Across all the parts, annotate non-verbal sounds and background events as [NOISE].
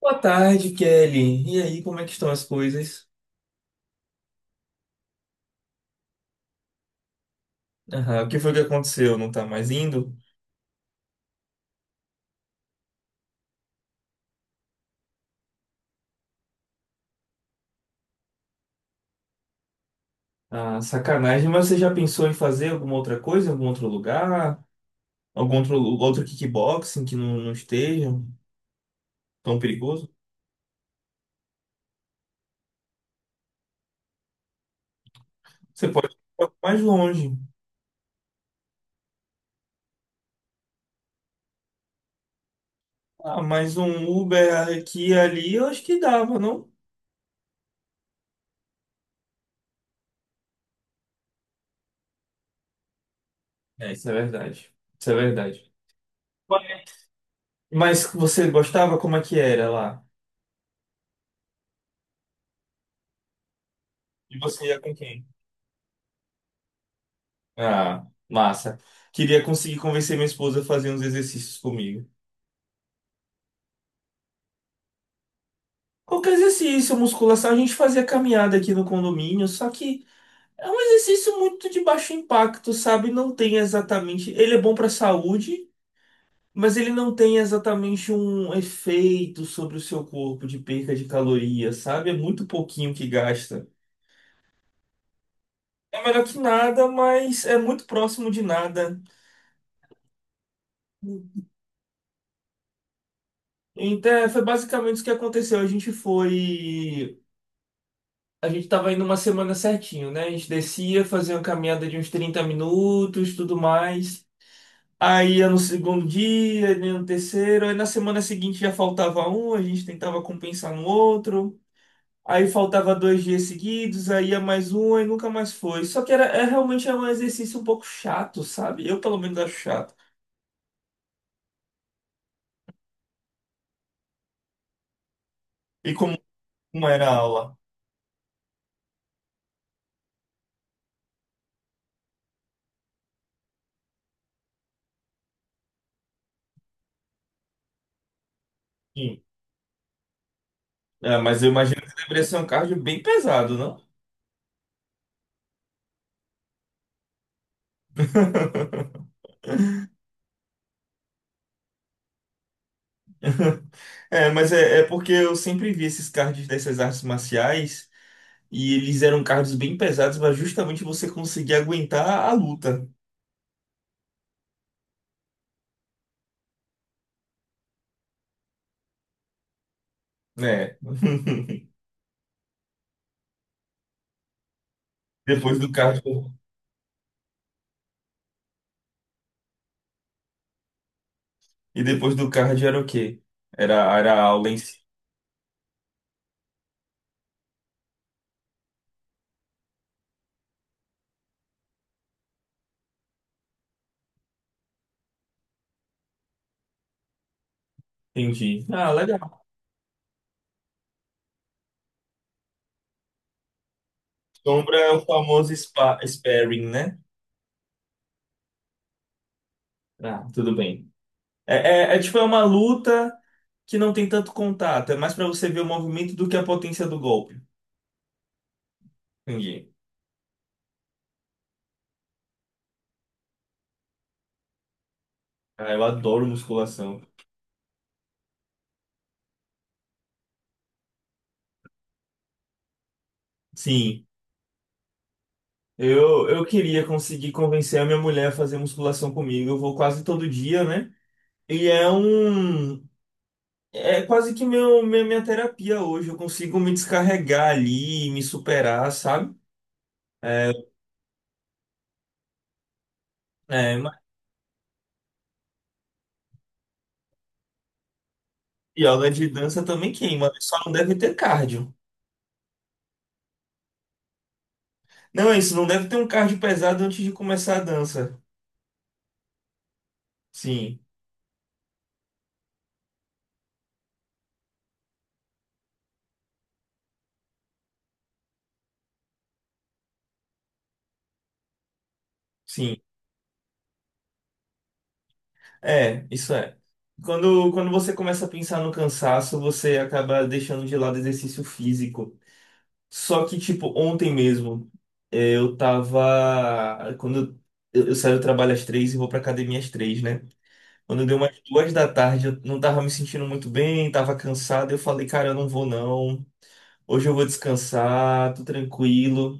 Boa tarde, Kelly. E aí, como é que estão as coisas? Aham, o que foi que aconteceu? Não tá mais indo? Ah, sacanagem, mas você já pensou em fazer alguma outra coisa, em algum outro lugar? Algum outro kickboxing que não esteja tão perigoso? Você pode ir um pouco mais longe. Ah, mais um Uber aqui e ali, eu acho que dava, não? É, isso é verdade. Isso é verdade. Mas você gostava? Como é que era lá? E você ia com quem? Ah, massa. Queria conseguir convencer minha esposa a fazer uns exercícios comigo. Qualquer exercício, musculação, a gente fazia caminhada aqui no condomínio, só que é um exercício muito de baixo impacto, sabe? Não tem exatamente. Ele é bom para saúde, mas ele não tem exatamente um efeito sobre o seu corpo de perca de calorias, sabe? É muito pouquinho que gasta. É melhor que nada, mas é muito próximo de nada. Então, é, foi basicamente isso que aconteceu. A gente foi. A gente tava indo uma semana certinho, né? A gente descia, fazia uma caminhada de uns 30 minutos, tudo mais. Aí ia no segundo dia, ia no terceiro, aí na semana seguinte já faltava um, a gente tentava compensar no outro. Aí faltava 2 dias seguidos, aí ia mais um, aí nunca mais foi. Só que era, é realmente é um exercício um pouco chato, sabe? Eu pelo menos acho chato. E como era a aula? Sim. É, mas eu imagino que deveria ser um cardio bem pesado, não? [LAUGHS] [LAUGHS] É, mas é porque eu sempre vi esses cards dessas artes marciais e eles eram cards bem pesados para justamente você conseguir aguentar a luta, né? [LAUGHS] Depois do card. E depois do card era o quê? Era a aula em si. Entendi. Ah, legal. Sombra é o famoso sparring, né? Ah, tudo bem. É tipo, é uma luta que não tem tanto contato. É mais para você ver o movimento do que a potência do golpe. Entendi. Ah, eu adoro musculação. Sim. Eu queria conseguir convencer a minha mulher a fazer musculação comigo. Eu vou quase todo dia, né? E é um. É quase que minha terapia hoje. Eu consigo me descarregar ali, me superar, sabe? É, mas yoga de dança também queima, né? Só não deve ter cardio. Não é isso, não deve ter um cardio pesado antes de começar a dança. Sim, sim. É, isso é. Quando você começa a pensar no cansaço, você acaba deixando de lado exercício físico. Só que, tipo, ontem mesmo, eh, eu tava. Quando eu saio do trabalho às três e vou pra academia às três, né? Quando deu umas duas da tarde, eu não tava me sentindo muito bem, tava cansado. Eu falei, cara, eu não vou não. Hoje eu vou descansar, tô tranquilo.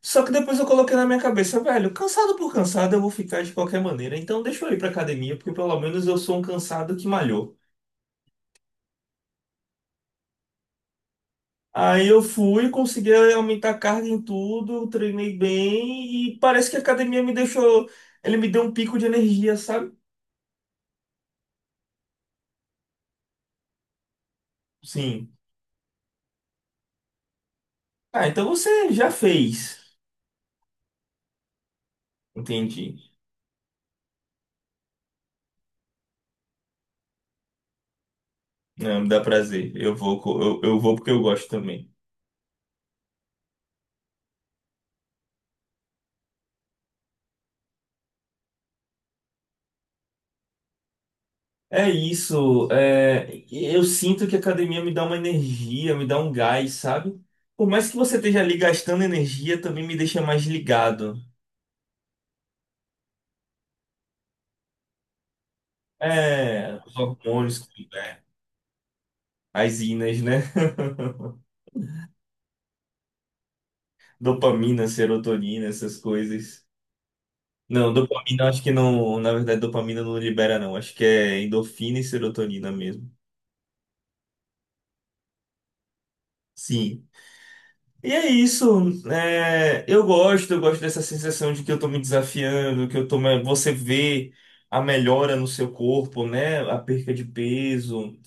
Só que depois eu coloquei na minha cabeça, velho, cansado por cansado eu vou ficar de qualquer maneira. Então deixa eu ir pra academia, porque pelo menos eu sou um cansado que malhou. Aí eu fui, consegui aumentar a carga em tudo, treinei bem e parece que a academia me deixou, ele me deu um pico de energia, sabe? Sim. Ah, então você já fez. Entendi. Não, me dá prazer. Eu vou porque eu gosto também. É isso. É, eu sinto que a academia me dá uma energia, me dá um gás, sabe? Por mais que você esteja ali gastando energia, também me deixa mais ligado. É, os hormônios, é, as inas, né? [LAUGHS] Dopamina, serotonina, essas coisas. Não, dopamina eu acho que não. Na verdade, dopamina não libera, não. Acho que é endorfina e serotonina mesmo. Sim. E é isso. É, eu gosto dessa sensação de que eu tô me desafiando, que eu tô. Me- você vê a melhora no seu corpo, né? A perca de peso.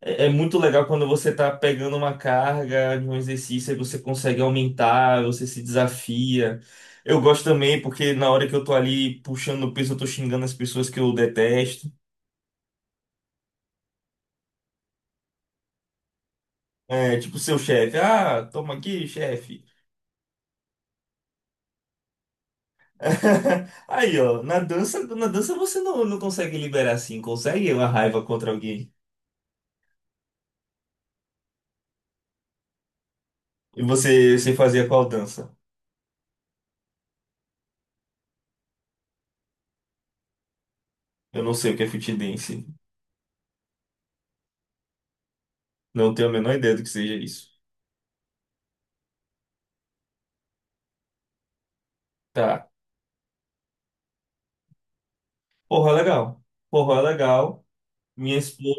É muito legal quando você tá pegando uma carga de um exercício e você consegue aumentar, você se desafia. Eu gosto também porque na hora que eu tô ali puxando o peso, eu tô xingando as pessoas que eu detesto. É, tipo seu chefe, ah, toma aqui, chefe. [LAUGHS] Aí, ó, na dança você não consegue liberar assim, consegue uma raiva contra alguém. E você fazia qual dança? Eu não sei o que é fit dance. Não tenho a menor ideia do que seja isso. Tá. Porra, legal. Porra, legal. Minha esposa,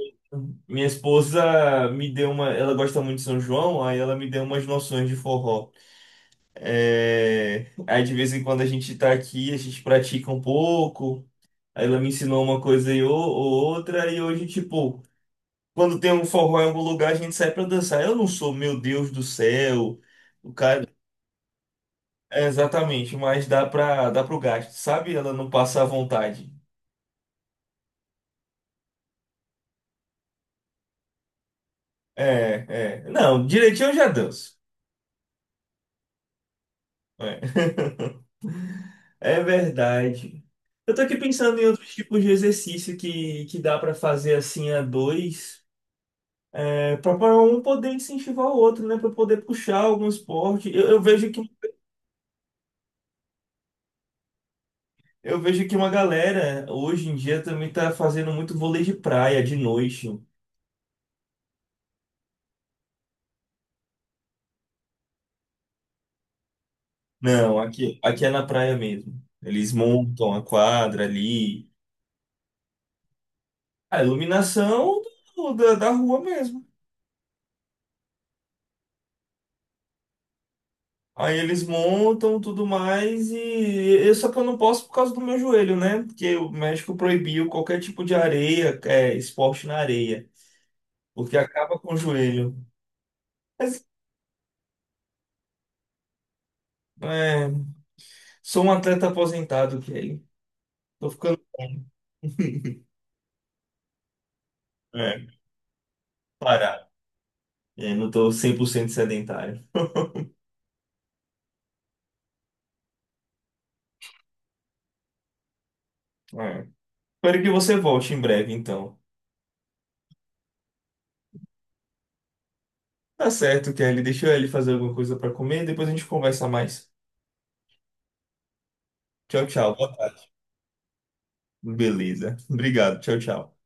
minha esposa me deu uma. Ela gosta muito de São João, aí ela me deu umas noções de forró. É, aí de vez em quando a gente tá aqui, a gente pratica um pouco. Aí ela me ensinou uma coisa e ou outra, e hoje, tipo, quando tem um forró em algum lugar, a gente sai pra dançar. Eu não sou, meu Deus do céu, o cara. É, exatamente, mas dá pra, dá pro gasto, sabe? Ela não passa à vontade. É, é. Não, direitinho eu já danço. É. [LAUGHS] É verdade. Eu tô aqui pensando em outros tipos de exercício que dá pra fazer assim a dois, é, para um poder incentivar o outro, né, pra poder puxar algum esporte. Eu vejo que uma galera hoje em dia também tá fazendo muito vôlei de praia de noite. Não, aqui é na praia mesmo. Eles montam a quadra ali, a iluminação da rua mesmo. Aí eles montam tudo mais e eu só que eu não posso por causa do meu joelho, né? Porque o México proibiu qualquer tipo de areia, é, esporte na areia, porque acaba com o joelho. Mas, é, sou um atleta aposentado, Kelly. Tô ficando [LAUGHS] é, parado. É, não tô 100% sedentário. É. Espero que você volte em breve, então. Tá certo, Kelly. Deixa eu ali fazer alguma coisa para comer, depois a gente conversa mais. Tchau, tchau. Boa tarde. Beleza. Obrigado. Tchau, tchau.